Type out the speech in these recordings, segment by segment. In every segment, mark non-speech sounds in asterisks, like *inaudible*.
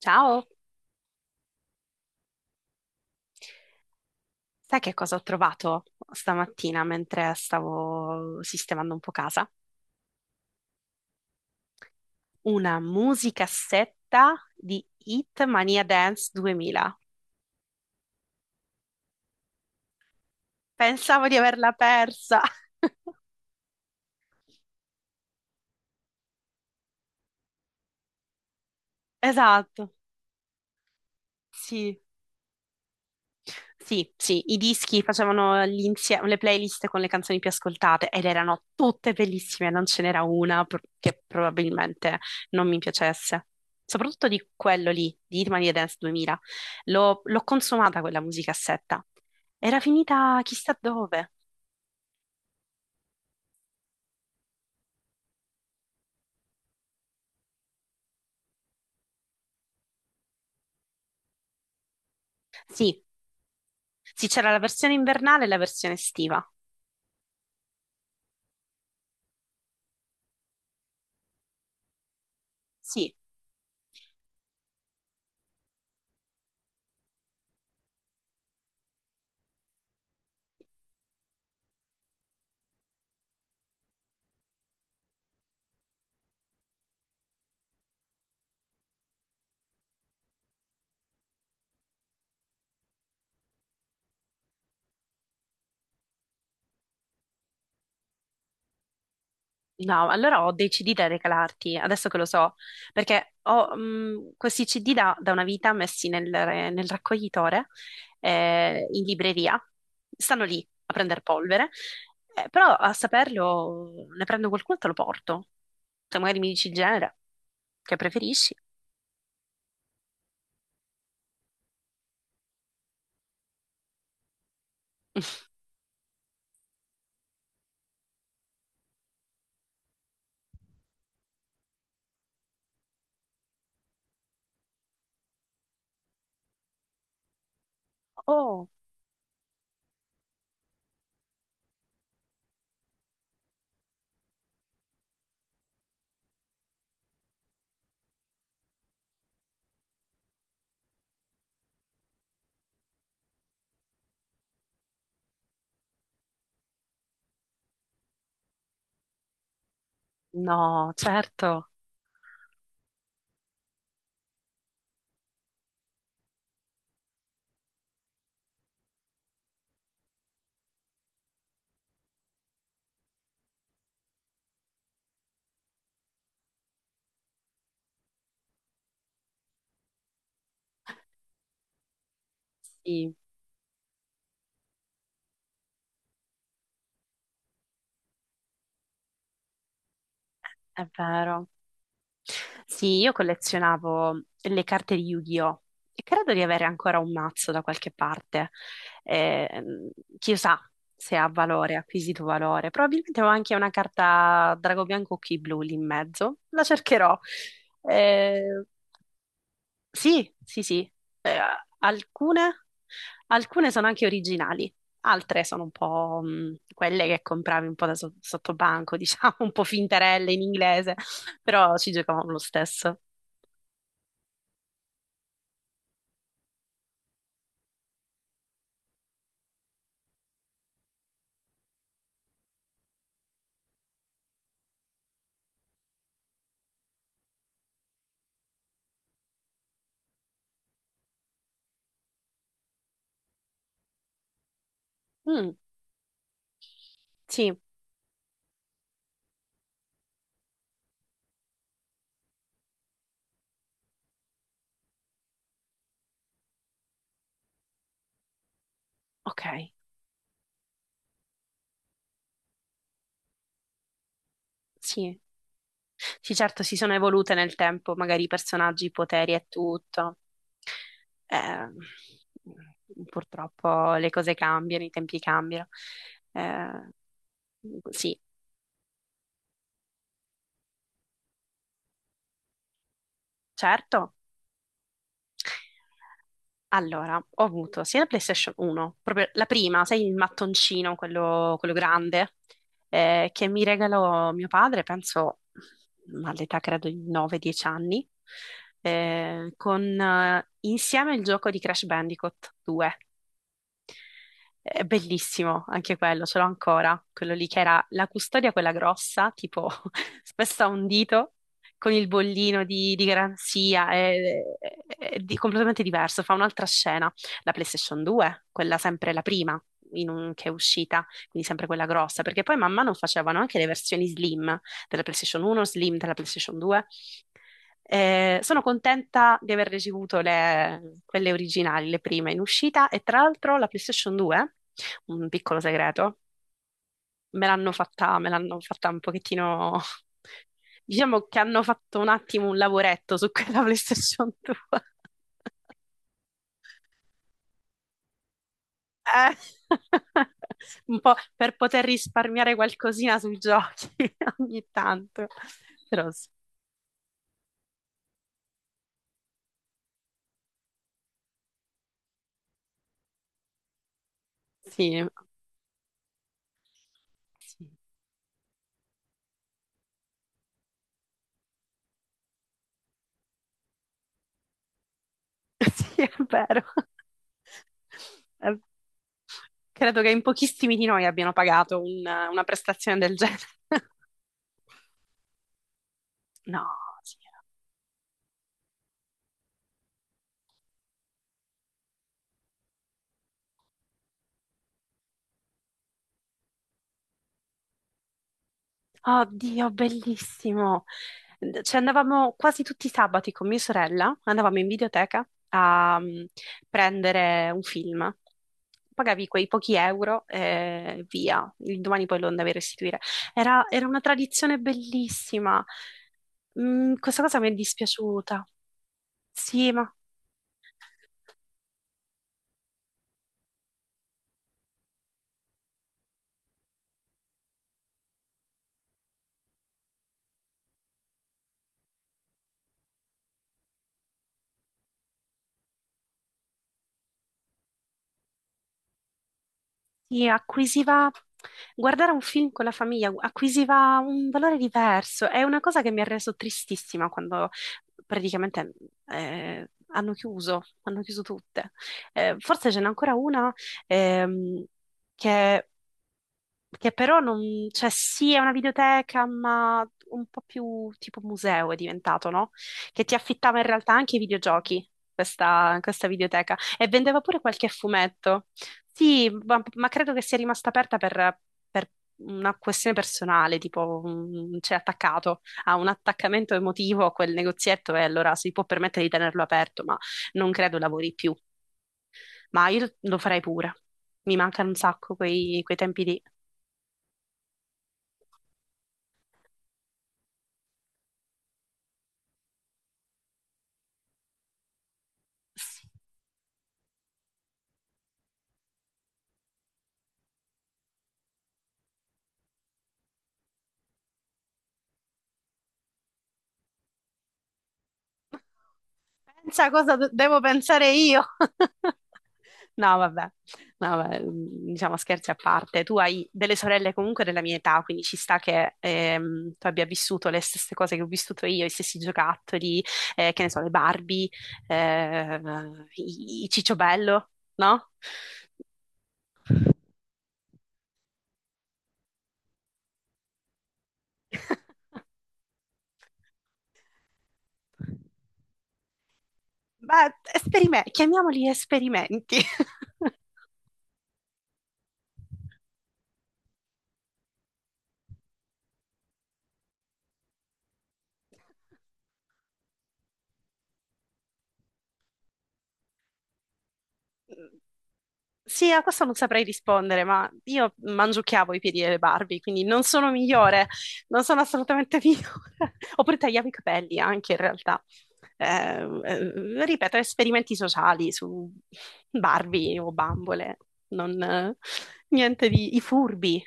Ciao, sai che cosa ho trovato stamattina mentre stavo sistemando un po' casa? Una musicassetta di Hit Mania Dance 2000. Pensavo di averla persa. *laughs* Esatto, sì. Sì, sì, i dischi facevano le playlist con le canzoni più ascoltate ed erano tutte bellissime, non ce n'era una che probabilmente non mi piacesse. Soprattutto di quello lì, di Hitmania Dance 2000. L'ho consumata quella musicassetta. Era finita chissà dove. Sì, sì, c'era la versione invernale e la versione estiva. Sì, no, allora ho dei CD da regalarti, adesso che lo so, perché ho questi CD da una vita messi nel raccoglitore, in libreria. Stanno lì a prendere polvere, però a saperlo ne prendo qualcuno e te lo porto. Se magari mi dici il genere che preferisci. *laughs* Oh, no, certo, sì, è vero. Sì, io collezionavo le carte di Yu-Gi-Oh! E credo di avere ancora un mazzo da qualche parte. Ehm, chissà se ha valore, ha acquisito valore. Probabilmente ho anche una carta Drago Bianco Occhi Blu lì in mezzo. La cercherò. Eh, sì, sì, sì. Eh, alcune, alcune sono anche originali, altre sono un po' quelle che compravi un po' da sottobanco, *laughs* diciamo, un po' finterelle in inglese, però ci giocavamo lo stesso. Mm, sì, ok, sì. Sì, certo, si sono evolute nel tempo, magari i personaggi, i poteri e tutto. Eh, purtroppo le cose cambiano, i tempi cambiano. Eh, sì, certo. Allora, ho avuto sia la PlayStation 1, proprio la prima, sai, il mattoncino, quello grande, che mi regalò mio padre, penso all'età credo di 9-10 anni, con insieme il gioco di Crash Bandicoot 2. È bellissimo anche quello, ce l'ho ancora, quello lì che era la custodia, quella grossa, tipo *laughs* spessa a un dito, con il bollino di garanzia, è- è completamente diverso, fa un'altra scena. La PlayStation 2, quella sempre la prima che è uscita, quindi sempre quella grossa, perché poi man mano facevano anche le versioni slim della PlayStation 1, slim della PlayStation 2, sono contenta di aver ricevuto quelle originali, le prime in uscita e tra l'altro la PlayStation 2, un piccolo segreto, me l'hanno fatta un pochettino, *laughs* diciamo che hanno fatto un attimo un lavoretto su quella *laughs* PlayStation 2. Eh, *laughs* Un po' per poter risparmiare qualcosina sui giochi *laughs* ogni tanto. Però sì, sì, *laughs* sì, è vero. *laughs* È Credo che in pochissimi di noi abbiano pagato una prestazione del genere. *laughs* No, signora. Oddio, bellissimo. Ci andavamo quasi tutti i sabati con mia sorella, andavamo in videoteca a prendere un film. Pagavi quei pochi euro e via. Il domani poi lo andavi a restituire. Era una tradizione bellissima. Questa cosa mi è dispiaciuta. Sì, ma sì, guardare un film con la famiglia acquisiva un valore diverso. È una cosa che mi ha reso tristissima quando praticamente hanno chiuso tutte. Forse ce n'è ancora una ehm, che che però non, cioè sì, è una videoteca, ma un po' più tipo museo è diventato, no? Che ti affittava in realtà anche i videogiochi, questa videoteca, e vendeva pure qualche fumetto. Sì, ma credo che sia rimasta aperta per una questione personale, tipo c'è attaccato a un attaccamento emotivo a quel negozietto e allora si può permettere di tenerlo aperto, ma non credo lavori più. Ma io lo farei pure. Mi mancano un sacco quei tempi lì. Pensa cosa devo pensare io. *laughs* No, vabbè, no, vabbè, diciamo scherzi a parte. Tu hai delle sorelle comunque della mia età, quindi ci sta che tu abbia vissuto le stesse cose che ho vissuto io, i stessi giocattoli, che ne so, le Barbie, eh, i Cicciobello, no? *laughs* Beh, chiamiamoli esperimenti. *laughs* Sì, a questo non saprei rispondere, ma io mangiucchiavo i piedi delle Barbie, quindi non sono migliore, non sono assolutamente *laughs* migliore. Oppure tagliavo i capelli anche in realtà. Ripeto, esperimenti sociali su Barbie o bambole, non, niente di. I furbi.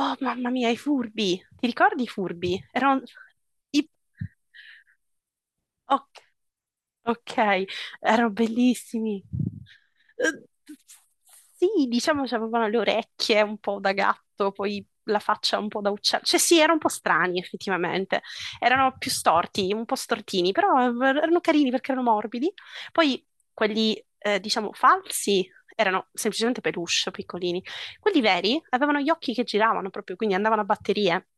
Oh, mamma mia, i furbi. Ti ricordi i furbi? Erano. i- Ok, ok, erano bellissimi. Eh, Sì, diciamo che avevano le orecchie un po' da gatto, poi la faccia un po' da uccello. Cioè sì, erano un po' strani effettivamente. Erano più storti, un po' stortini, però erano carini perché erano morbidi. Poi quelli, diciamo, falsi erano semplicemente peluche, piccolini. Quelli veri avevano gli occhi che giravano proprio, quindi andavano a batterie.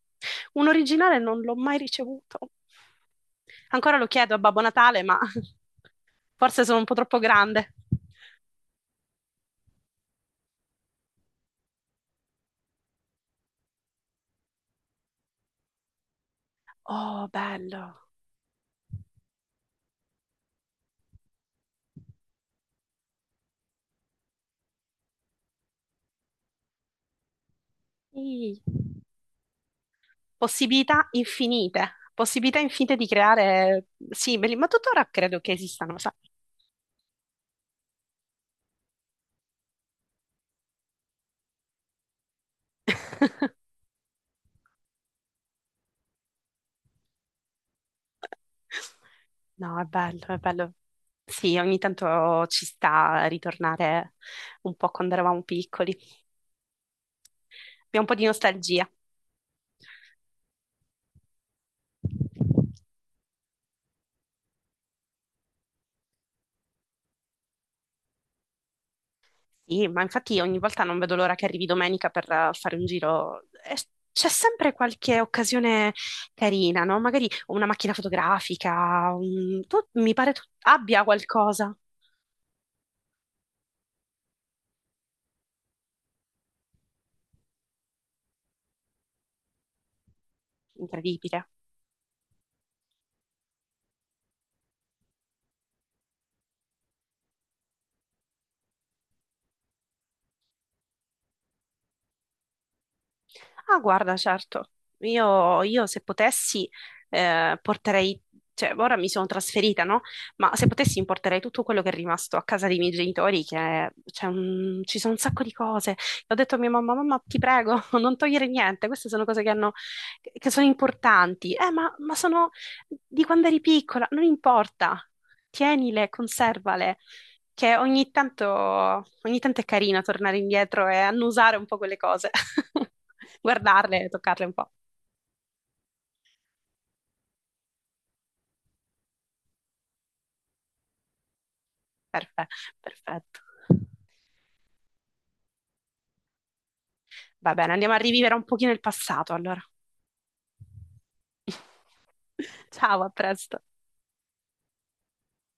Un originale non l'ho mai ricevuto. Ancora lo chiedo a Babbo Natale, ma. *laughs* Forse sono un po' troppo grande. Oh, bello. Sì. Possibilità infinite. Possibilità infinite di creare. Sì, ma tuttora credo che esistano, sai? *laughs* No, è bello, è bello. Sì, ogni tanto ci sta a ritornare un po' quando eravamo piccoli. Abbiamo un po' di nostalgia. Sì, ma infatti ogni volta non vedo l'ora che arrivi domenica per fare un giro. E c'è sempre qualche occasione carina, no? Magari una macchina fotografica, mi pare tu abbia qualcosa. Incredibile. Ah, guarda, certo, io se potessi porterei, cioè ora mi sono trasferita, no? Ma se potessi importerei tutto quello che è rimasto a casa dei miei genitori, che c'è ci sono un sacco di cose. E ho detto a mia mamma, mamma, ti prego, *laughs* non togliere niente, queste sono cose che sono importanti. Ma sono di quando eri piccola, non importa, tienile, conservale che ogni tanto è carino tornare indietro e annusare un po' quelle cose, *laughs* guardarle, toccarle un po'. Perfe- Perfetto. Va bene, andiamo a rivivere un pochino il passato allora. *laughs* Ciao, a presto.